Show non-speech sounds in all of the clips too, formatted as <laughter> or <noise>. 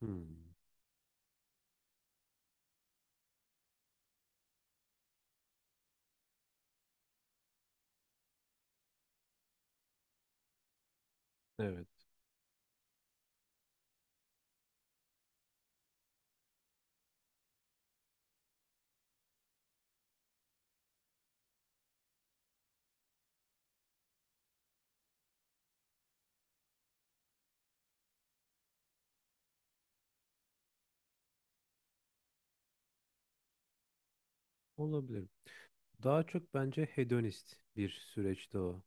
Hmm, evet. Olabilir. Daha çok bence hedonist bir süreçti o.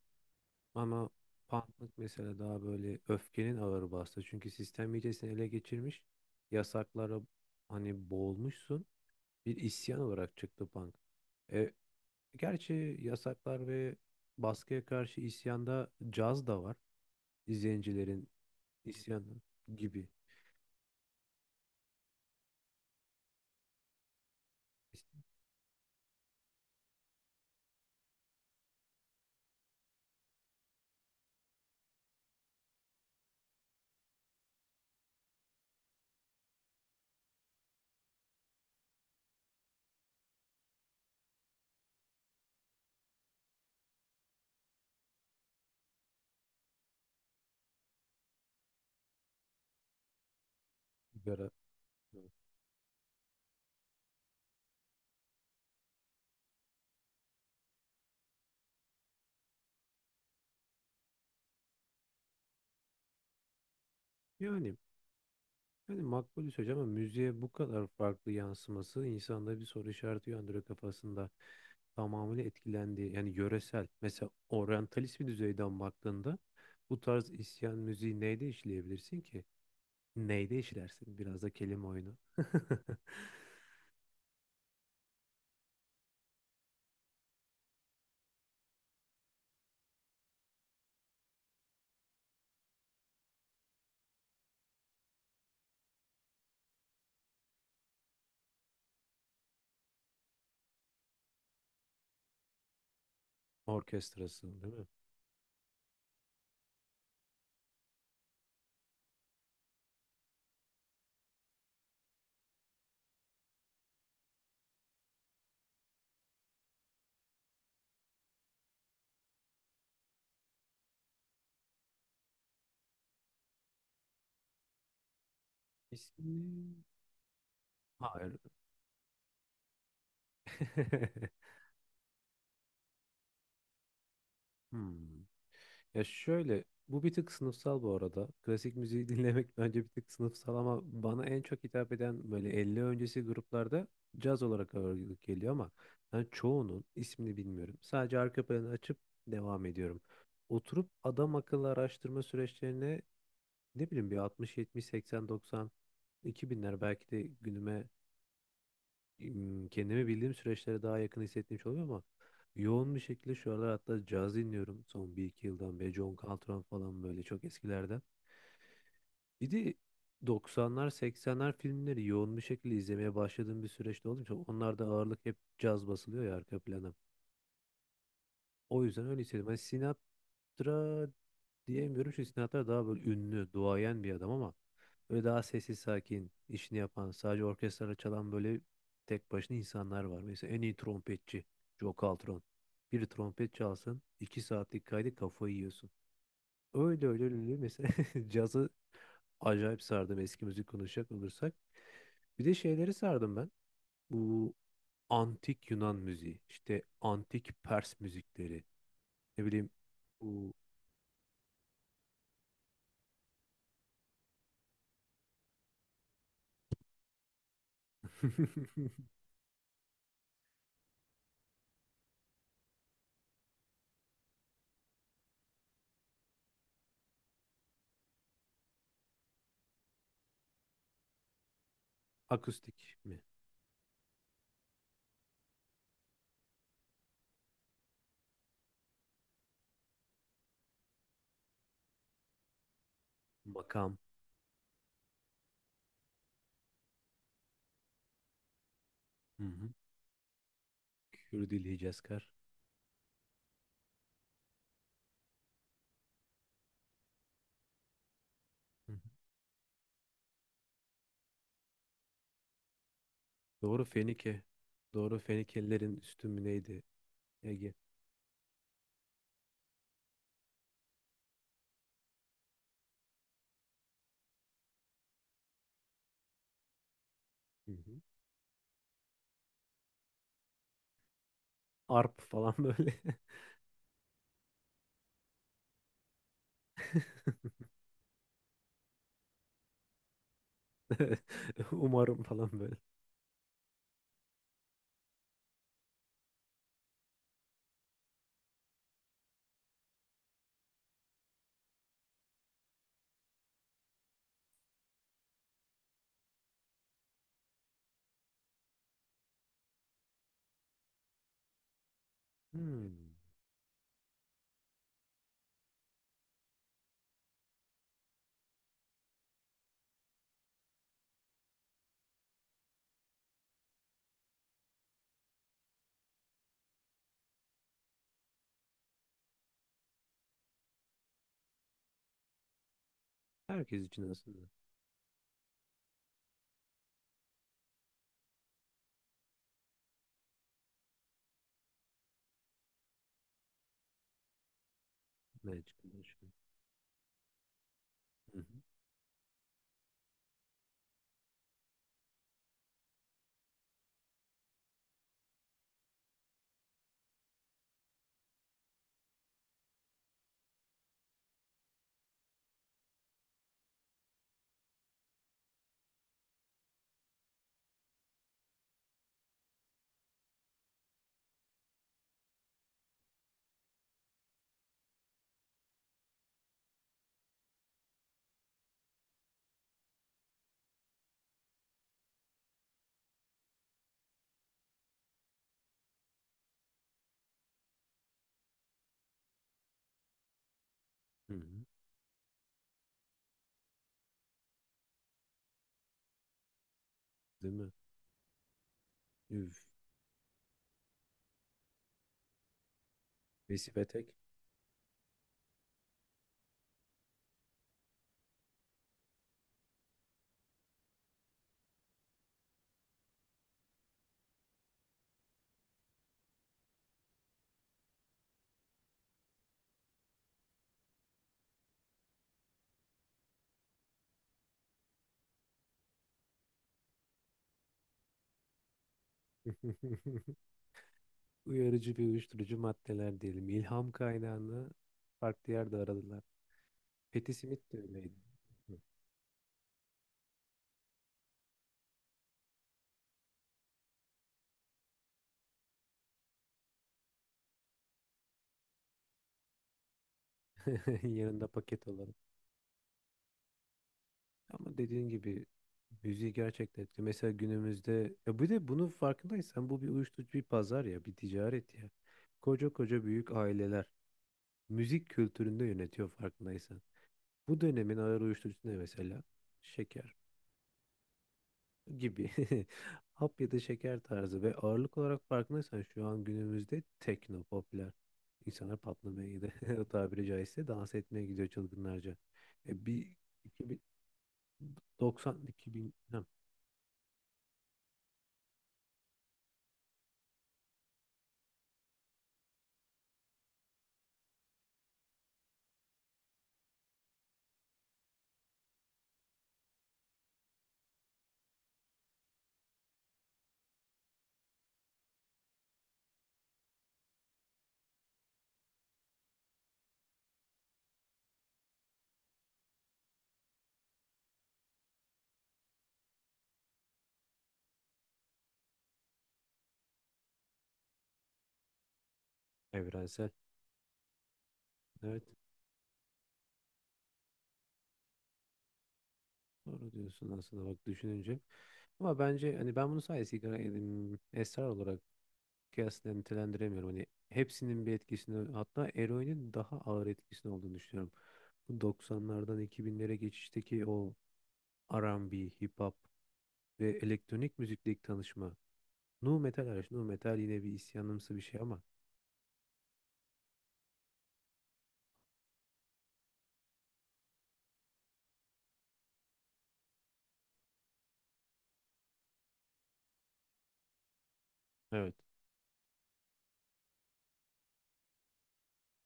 Ama punklık mesela daha böyle öfkenin ağır bastı. Çünkü sistem iyice ele geçirmiş. Yasaklara hani boğulmuşsun. Bir isyan olarak çıktı punk. E, Gerçi yasaklar ve baskıya karşı isyanda caz da var. İzleyicilerin isyanı gibi. İs- Sigara. Evet. Yani Yani, makbul bir söz ama müziğe bu kadar farklı yansıması insanda bir soru işareti uyandırıyor kafasında. Tamamıyla etkilendiği yani yöresel mesela oryantalist bir düzeyden baktığında bu tarz isyan müziği neyde işleyebilirsin ki? Neyde işlersin? Biraz da kelime oyunu. <laughs> Orkestrası değil mi? İsmi... Hayır. <laughs> Hmm. Ya şöyle, bu bir tık sınıfsal bu arada. Klasik müziği <laughs> dinlemek bence bir tık sınıfsal ama bana en çok hitap eden böyle 50 öncesi gruplarda caz olarak ağırlık geliyor ama ben çoğunun ismini bilmiyorum. Sadece arka planı açıp devam ediyorum. Oturup adam akıllı araştırma süreçlerine ne bileyim bir 60, 70, 80, 90, 2000'ler belki de günüme kendimi bildiğim süreçlere daha yakın hissettiğim şey oluyor ama yoğun bir şekilde şu aralar hatta caz dinliyorum son bir iki yıldan beri John Coltrane falan böyle çok eskilerden. Bir de 90'lar 80'ler filmleri yoğun bir şekilde izlemeye başladığım bir süreçte olduğum için onlarda ağırlık hep caz basılıyor ya arka plana. O yüzden öyle hissediyorum. Yani Sinatra diyemiyorum çünkü Sinatra daha böyle ünlü, duayen bir adam ama böyle daha sessiz sakin, işini yapan, sadece orkestrayla çalan böyle tek başına insanlar var. Mesela en iyi trompetçi Joe Caltron. Bir trompet çalsın, 2 saatlik kaydı kafayı yiyorsun. Öyle öyle öyle öyle, mesela <laughs> cazı acayip sardım eski müzik konuşacak olursak. Bir de şeyleri sardım ben. Bu antik Yunan müziği, işte antik Pers müzikleri, ne bileyim bu <laughs> akustik mi? Makam. Hı hı. Kürdili Hicazkar. Hı hı. Doğru Fenike. Doğru Fenikelilerin üstün mü neydi? Ege. Hı hı. Arp falan böyle. <laughs> <laughs> Umarım falan böyle. Hmm. Herkes için aslında. Ne çıkıyor? Şu an? Hı hı. Hı hı. Değil mi? Üf. Besibetek. <laughs> Uyarıcı ve uyuşturucu maddeler diyelim. İlham kaynağını farklı yerde aradılar. Patti Smith de öyleydi. <laughs> Yanında paket olarak. Ama dediğin gibi müziği gerçekten etkili. Mesela günümüzde ya bir de bunun farkındaysan bu bir uyuşturucu bir pazar ya bir ticaret ya. Koca koca büyük aileler müzik kültüründe yönetiyor farkındaysan. Bu dönemin ağır uyuşturucusu ne mesela? Şeker gibi. <laughs> Hap ya da şeker tarzı ve ağırlık olarak farkındaysan şu an günümüzde tekno popüler. İnsanlar patlamaya gidiyor. <laughs> O tabiri caizse dans etmeye gidiyor çılgınlarca. E bir 2090 2000 ha, evrensel. Evet. Doğru diyorsun aslında bak düşününce. Ama bence hani ben bunu sadece sigara edim, esrar olarak kıyasla nitelendiremiyorum. Hani hepsinin bir etkisini hatta eroinin daha ağır etkisini olduğunu düşünüyorum. Bu 90'lardan 2000'lere geçişteki o R&B, hip hop ve elektronik müzikteki tanışma. Nu metal hariç. Nu metal yine bir isyanımsı bir şey ama. Evet.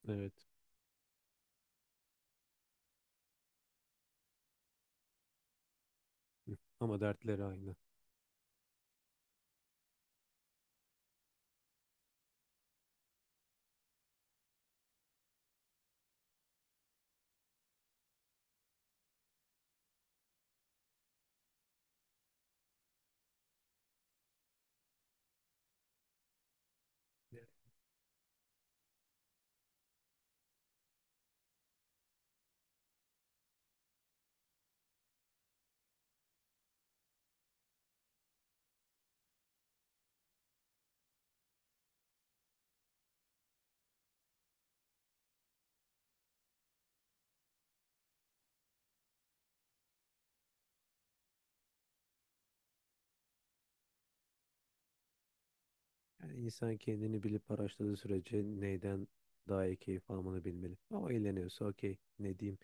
Evet. Ama dertleri aynı. Yani insan kendini bilip araştırdığı sürece neyden daha iyi keyif almanı bilmeli. Ama eğleniyorsa okey ne diyeyim.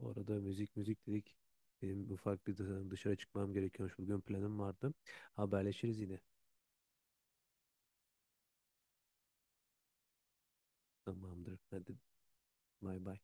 Bu arada müzik müzik dedik. Benim ufak bir dışarı çıkmam gerekiyormuş. Bugün planım vardı. Haberleşiriz yine. Tamamdır. Hadi bay bay.